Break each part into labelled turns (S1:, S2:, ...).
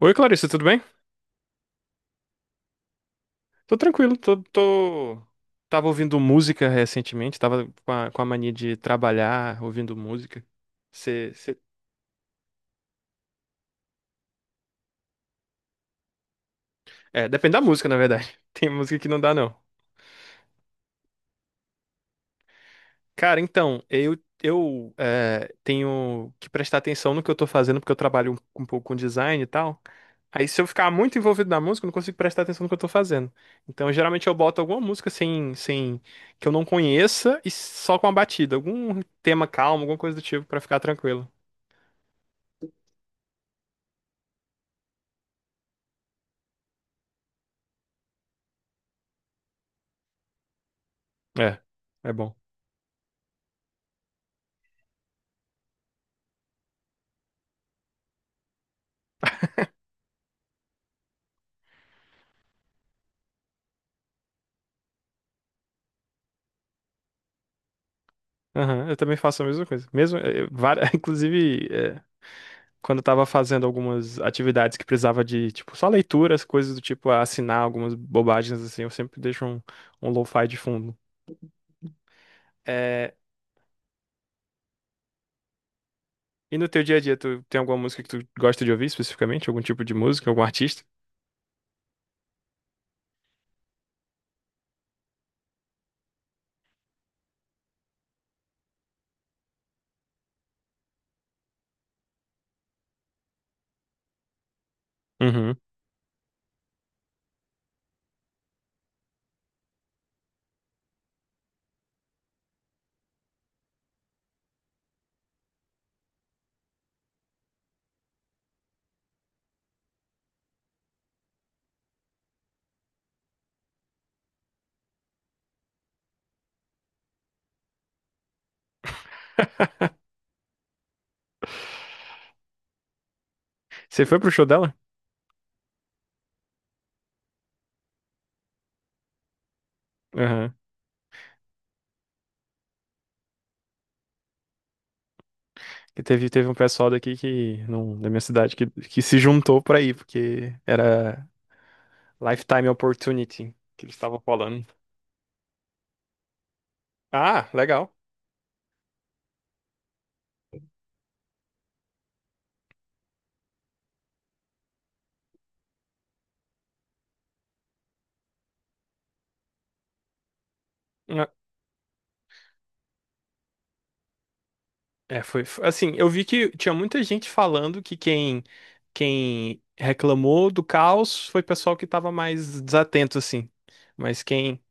S1: Oi, Clarissa, tudo bem? Tô tranquilo, tô. Tava ouvindo música recentemente, tava com a mania de trabalhar ouvindo música. Cê, cê- É, depende da música, na verdade. Tem música que não dá, não. Cara, então, eu, tenho que prestar atenção no que eu tô fazendo, porque eu trabalho um pouco com design e tal. Aí, se eu ficar muito envolvido na música, eu não consigo prestar atenção no que eu tô fazendo. Então, geralmente, eu boto alguma música sem que eu não conheça e só com a batida. Algum tema calmo, alguma coisa do tipo, pra ficar tranquilo. É, é bom. Aham, eu também faço a mesma coisa. Mesmo, várias, inclusive. Quando eu tava fazendo algumas atividades que precisava de, tipo, só leituras, coisas do tipo, assinar algumas bobagens assim, eu sempre deixo um lo-fi de fundo. É, e no teu dia a dia, tu tem alguma música que tu gosta de ouvir especificamente? Algum tipo de música, algum artista? Uhum. Você foi pro show dela? Aham. Que teve um pessoal daqui que, não, da minha cidade que se juntou pra ir, porque era Lifetime Opportunity que eles estavam falando. Ah, legal. É, assim, eu vi que tinha muita gente falando que quem reclamou do caos foi pessoal que estava mais desatento assim. Mas quem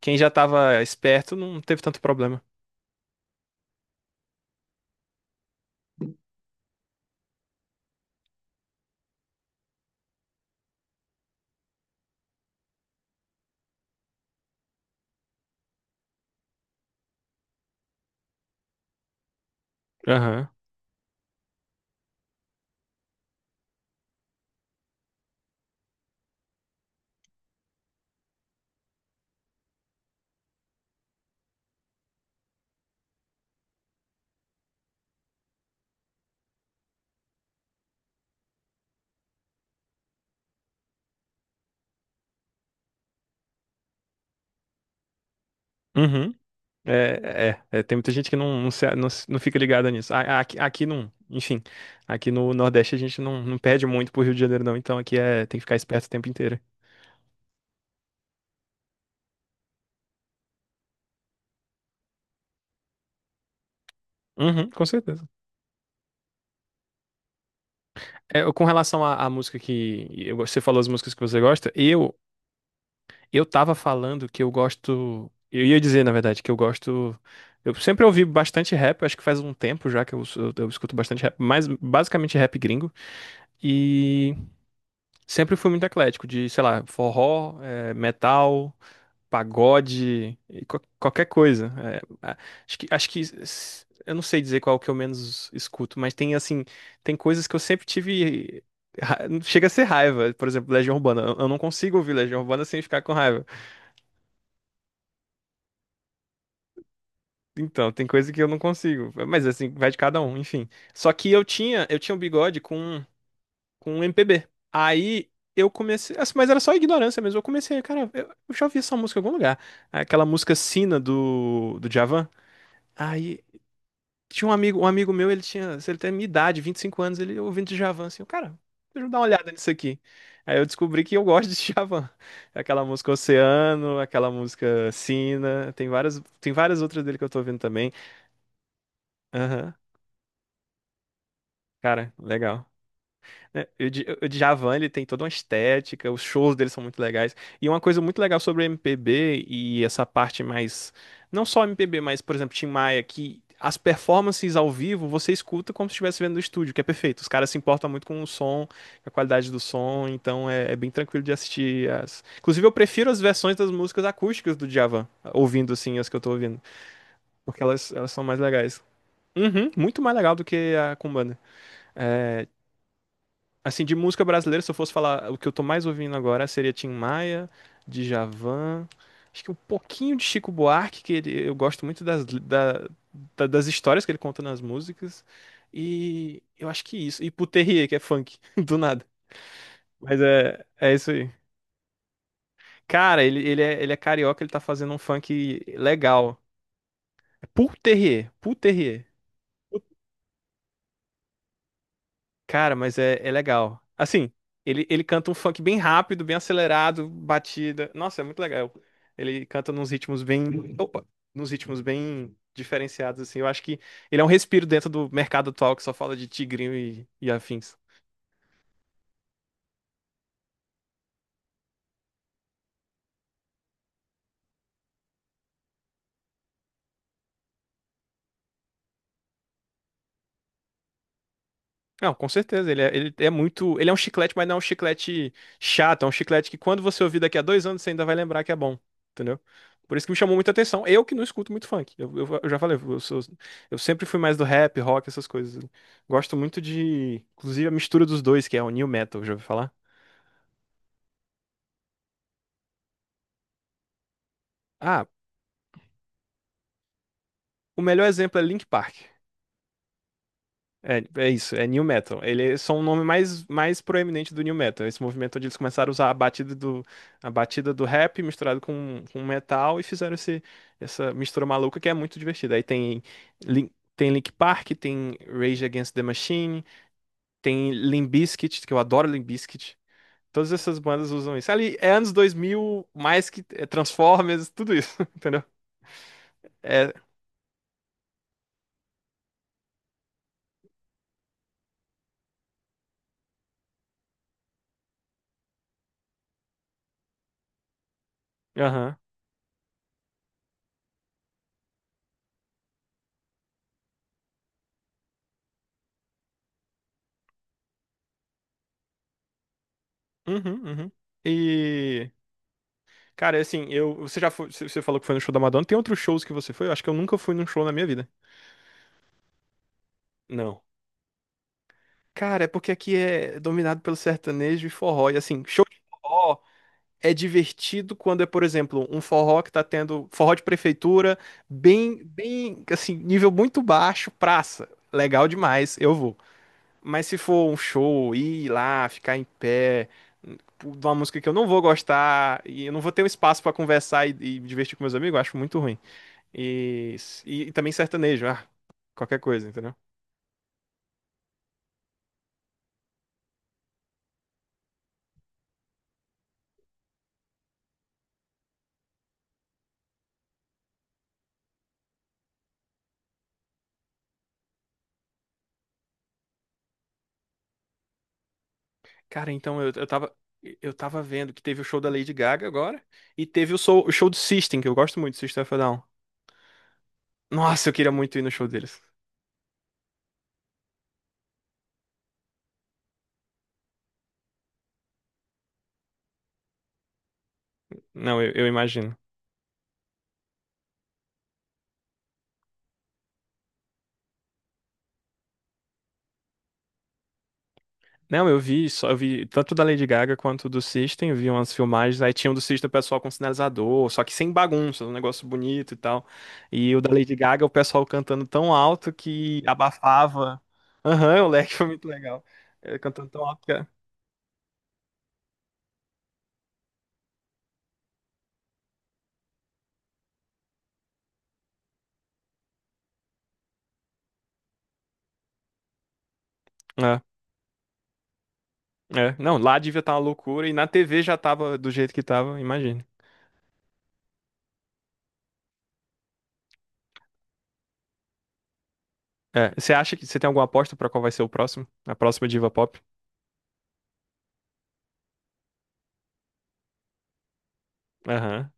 S1: quem já estava esperto não teve tanto problema. Aham. Uhum. É, tem muita gente que não fica ligada nisso. Aqui, não, enfim, aqui no Nordeste a gente não perde muito pro Rio de Janeiro, não, então aqui é, tem que ficar esperto o tempo inteiro. Uhum, com certeza. É, com relação à música você falou, as músicas que você gosta, Eu tava falando que eu gosto. Eu ia dizer, na verdade, que eu gosto. Eu sempre ouvi bastante rap, eu acho que faz um tempo já que eu escuto bastante rap, mas basicamente rap gringo. E sempre fui muito eclético, de, sei lá, forró, metal, pagode, e qualquer coisa. Eu não sei dizer qual que eu menos escuto, mas tem, assim, tem coisas que eu sempre tive. ra- Chega a ser raiva, por exemplo, Legião Urbana. Eu não consigo ouvir Legião Urbana sem ficar com raiva. Então, tem coisa que eu não consigo. Mas assim, vai de cada um, enfim. Só que eu tinha um bigode com um MPB. Aí eu comecei, assim, mas era só ignorância mesmo. Eu comecei, cara, eu já ouvi essa música em algum lugar. Aquela música Sina do Djavan. Aí tinha um amigo meu, ele tinha, ele tem a minha idade, 25 anos, ele ouvindo Djavan, assim, cara, deixa eu dar uma olhada nisso aqui. Aí eu descobri que eu gosto de Djavan. Aquela música Oceano, aquela música Sina, tem várias outras dele que eu tô ouvindo também. Aham. Cara, legal. É, o Djavan, ele tem toda uma estética, os shows dele são muito legais. E uma coisa muito legal sobre MPB e essa parte mais, não só MPB, mas, por exemplo, Tim Maia, que as performances ao vivo você escuta como se estivesse vendo no estúdio, que é perfeito. Os caras se importam muito com o som, com a qualidade do som, então é bem tranquilo de assistir as... Inclusive, eu prefiro as versões das músicas acústicas do Djavan, ouvindo assim as que eu tô ouvindo, porque elas são mais legais. Uhum, muito mais legal do que a com banda. Assim, de música brasileira, se eu fosse falar, o que eu tô mais ouvindo agora seria Tim Maia, Djavan, acho que um pouquinho de Chico Buarque, eu gosto muito das, das histórias que ele conta nas músicas, e eu acho que isso, e Puterrier, que é funk, do nada, mas é isso aí. Cara, ele é carioca, ele tá fazendo um funk legal, é Puterrier, Puterrier. Cara, mas é legal. Assim, ele canta um funk bem rápido, bem acelerado, batida. Nossa, é muito legal. Ele canta nos ritmos bem. Opa! Nos ritmos bem diferenciados, assim. Eu acho que ele é um respiro dentro do mercado atual que só fala de tigrinho e afins. Não, com certeza. Ele é muito. Ele é um chiclete, mas não é um chiclete chato. É um chiclete que quando você ouvir daqui a 2 anos, você ainda vai lembrar que é bom. Entendeu? Por isso que me chamou muita atenção. Eu que não escuto muito funk. Eu já falei, eu sempre fui mais do rap, rock, essas coisas. Gosto muito de. Inclusive a mistura dos dois, que é o new metal, já ouviu falar? Ah, o melhor exemplo é Link Park. É isso, é New Metal. Ele é só um nome mais, mais proeminente do New Metal. Esse movimento onde eles começaram a usar a batida do rap misturado com metal e fizeram esse, essa mistura maluca que é muito divertida. Aí tem, Lin- tem Linkin Park, tem Rage Against the Machine, tem Limp Bizkit, que eu adoro Limp Bizkit. Todas essas bandas usam isso. Ali é anos 2000 mais que é Transformers, tudo isso, entendeu? É, aham. Uhum, uhum. E Cara, é assim, eu, você já foi, você você falou que foi no show da Madonna. Tem outros shows que você foi? Eu acho que eu nunca fui num show na minha vida. Não. Cara, é porque aqui é dominado pelo sertanejo e forró. E assim, show de forró é divertido quando é, por exemplo, um forró que tá tendo forró de prefeitura, bem, bem, assim, nível muito baixo, praça. Legal demais, eu vou. Mas se for um show, ir lá, ficar em pé, hum, de uma música que eu não vou gostar, e eu não vou ter um espaço pra conversar e me divertir com meus amigos, eu acho muito ruim. E, e também sertanejo, ah, qualquer coisa, entendeu? Cara, então Eu tava vendo que teve o show da Lady Gaga agora e teve o show do System, que eu gosto muito do System of a Down. Nossa, eu queria muito ir no show deles. Não, eu imagino. Não, eu, vi só, eu vi tanto da Lady Gaga quanto do System, eu vi umas filmagens, aí tinha um do System o pessoal com sinalizador, só que sem bagunça, um negócio bonito e tal. E o da Lady Gaga, o pessoal cantando tão alto que abafava. Aham, o leque foi muito legal. Cantando tão alto que. É. É. É, não, lá devia estar uma loucura e na TV já tava do jeito que tava, imagina. É, você acha que você tem alguma aposta pra qual vai ser o próximo? A próxima diva pop? Aham.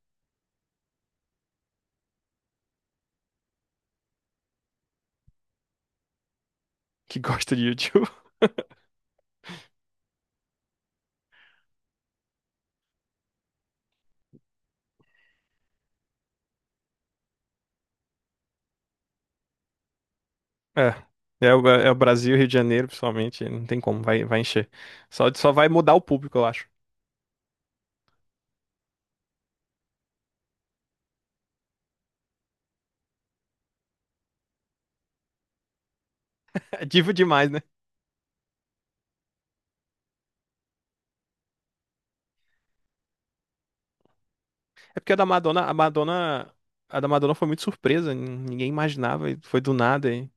S1: Que gosta de YouTube. É. É o Brasil, Rio de Janeiro, principalmente, não tem como, vai encher. Só vai mudar o público, eu acho. É diva demais, né? É porque a da Madonna foi muito surpresa, ninguém imaginava, e foi do nada. e-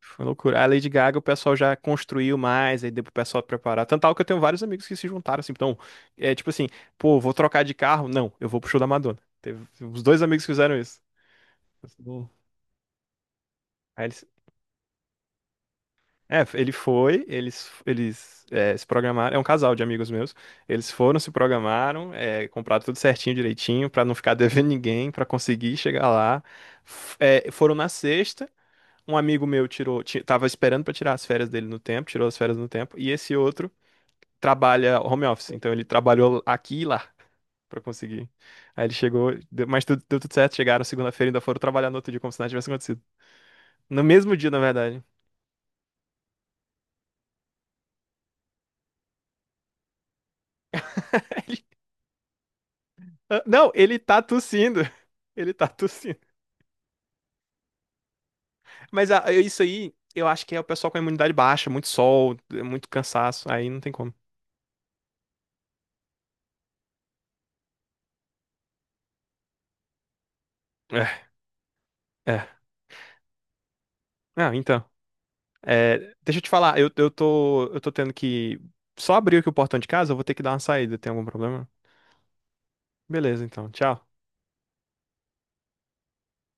S1: Foi loucura. A Lady Gaga, o pessoal já construiu mais, aí deu pro pessoal preparar. Tanto tal que eu tenho vários amigos que se juntaram, assim, então, é tipo assim, pô, vou trocar de carro? Não, eu vou pro show da Madonna. Teve os dois amigos que fizeram isso. Bom. Aí eles, é, ele foi, eles é, se programaram, é um casal de amigos meus, eles foram, se programaram, é, compraram tudo certinho, direitinho, pra não ficar devendo ninguém, pra conseguir chegar lá. Foram na sexta, um amigo meu tava esperando pra tirar as férias dele no tempo, tirou as férias no tempo, e esse outro trabalha home office, então ele trabalhou aqui e lá pra conseguir. Aí ele chegou, mas tudo, deu tudo certo, chegaram segunda-feira e ainda foram trabalhar no outro dia como se nada tivesse acontecido. No mesmo dia, na verdade. Ele- Ah, não, ele tá tossindo. Ele tá tossindo. Mas ah, isso aí, eu acho que é o pessoal com a imunidade baixa, muito sol, muito cansaço, aí não tem como. É, é. Não, então. É, deixa eu te falar, eu tô tendo que só abrir aqui o portão de casa, eu vou ter que dar uma saída, tem algum problema? Beleza, então. Tchau.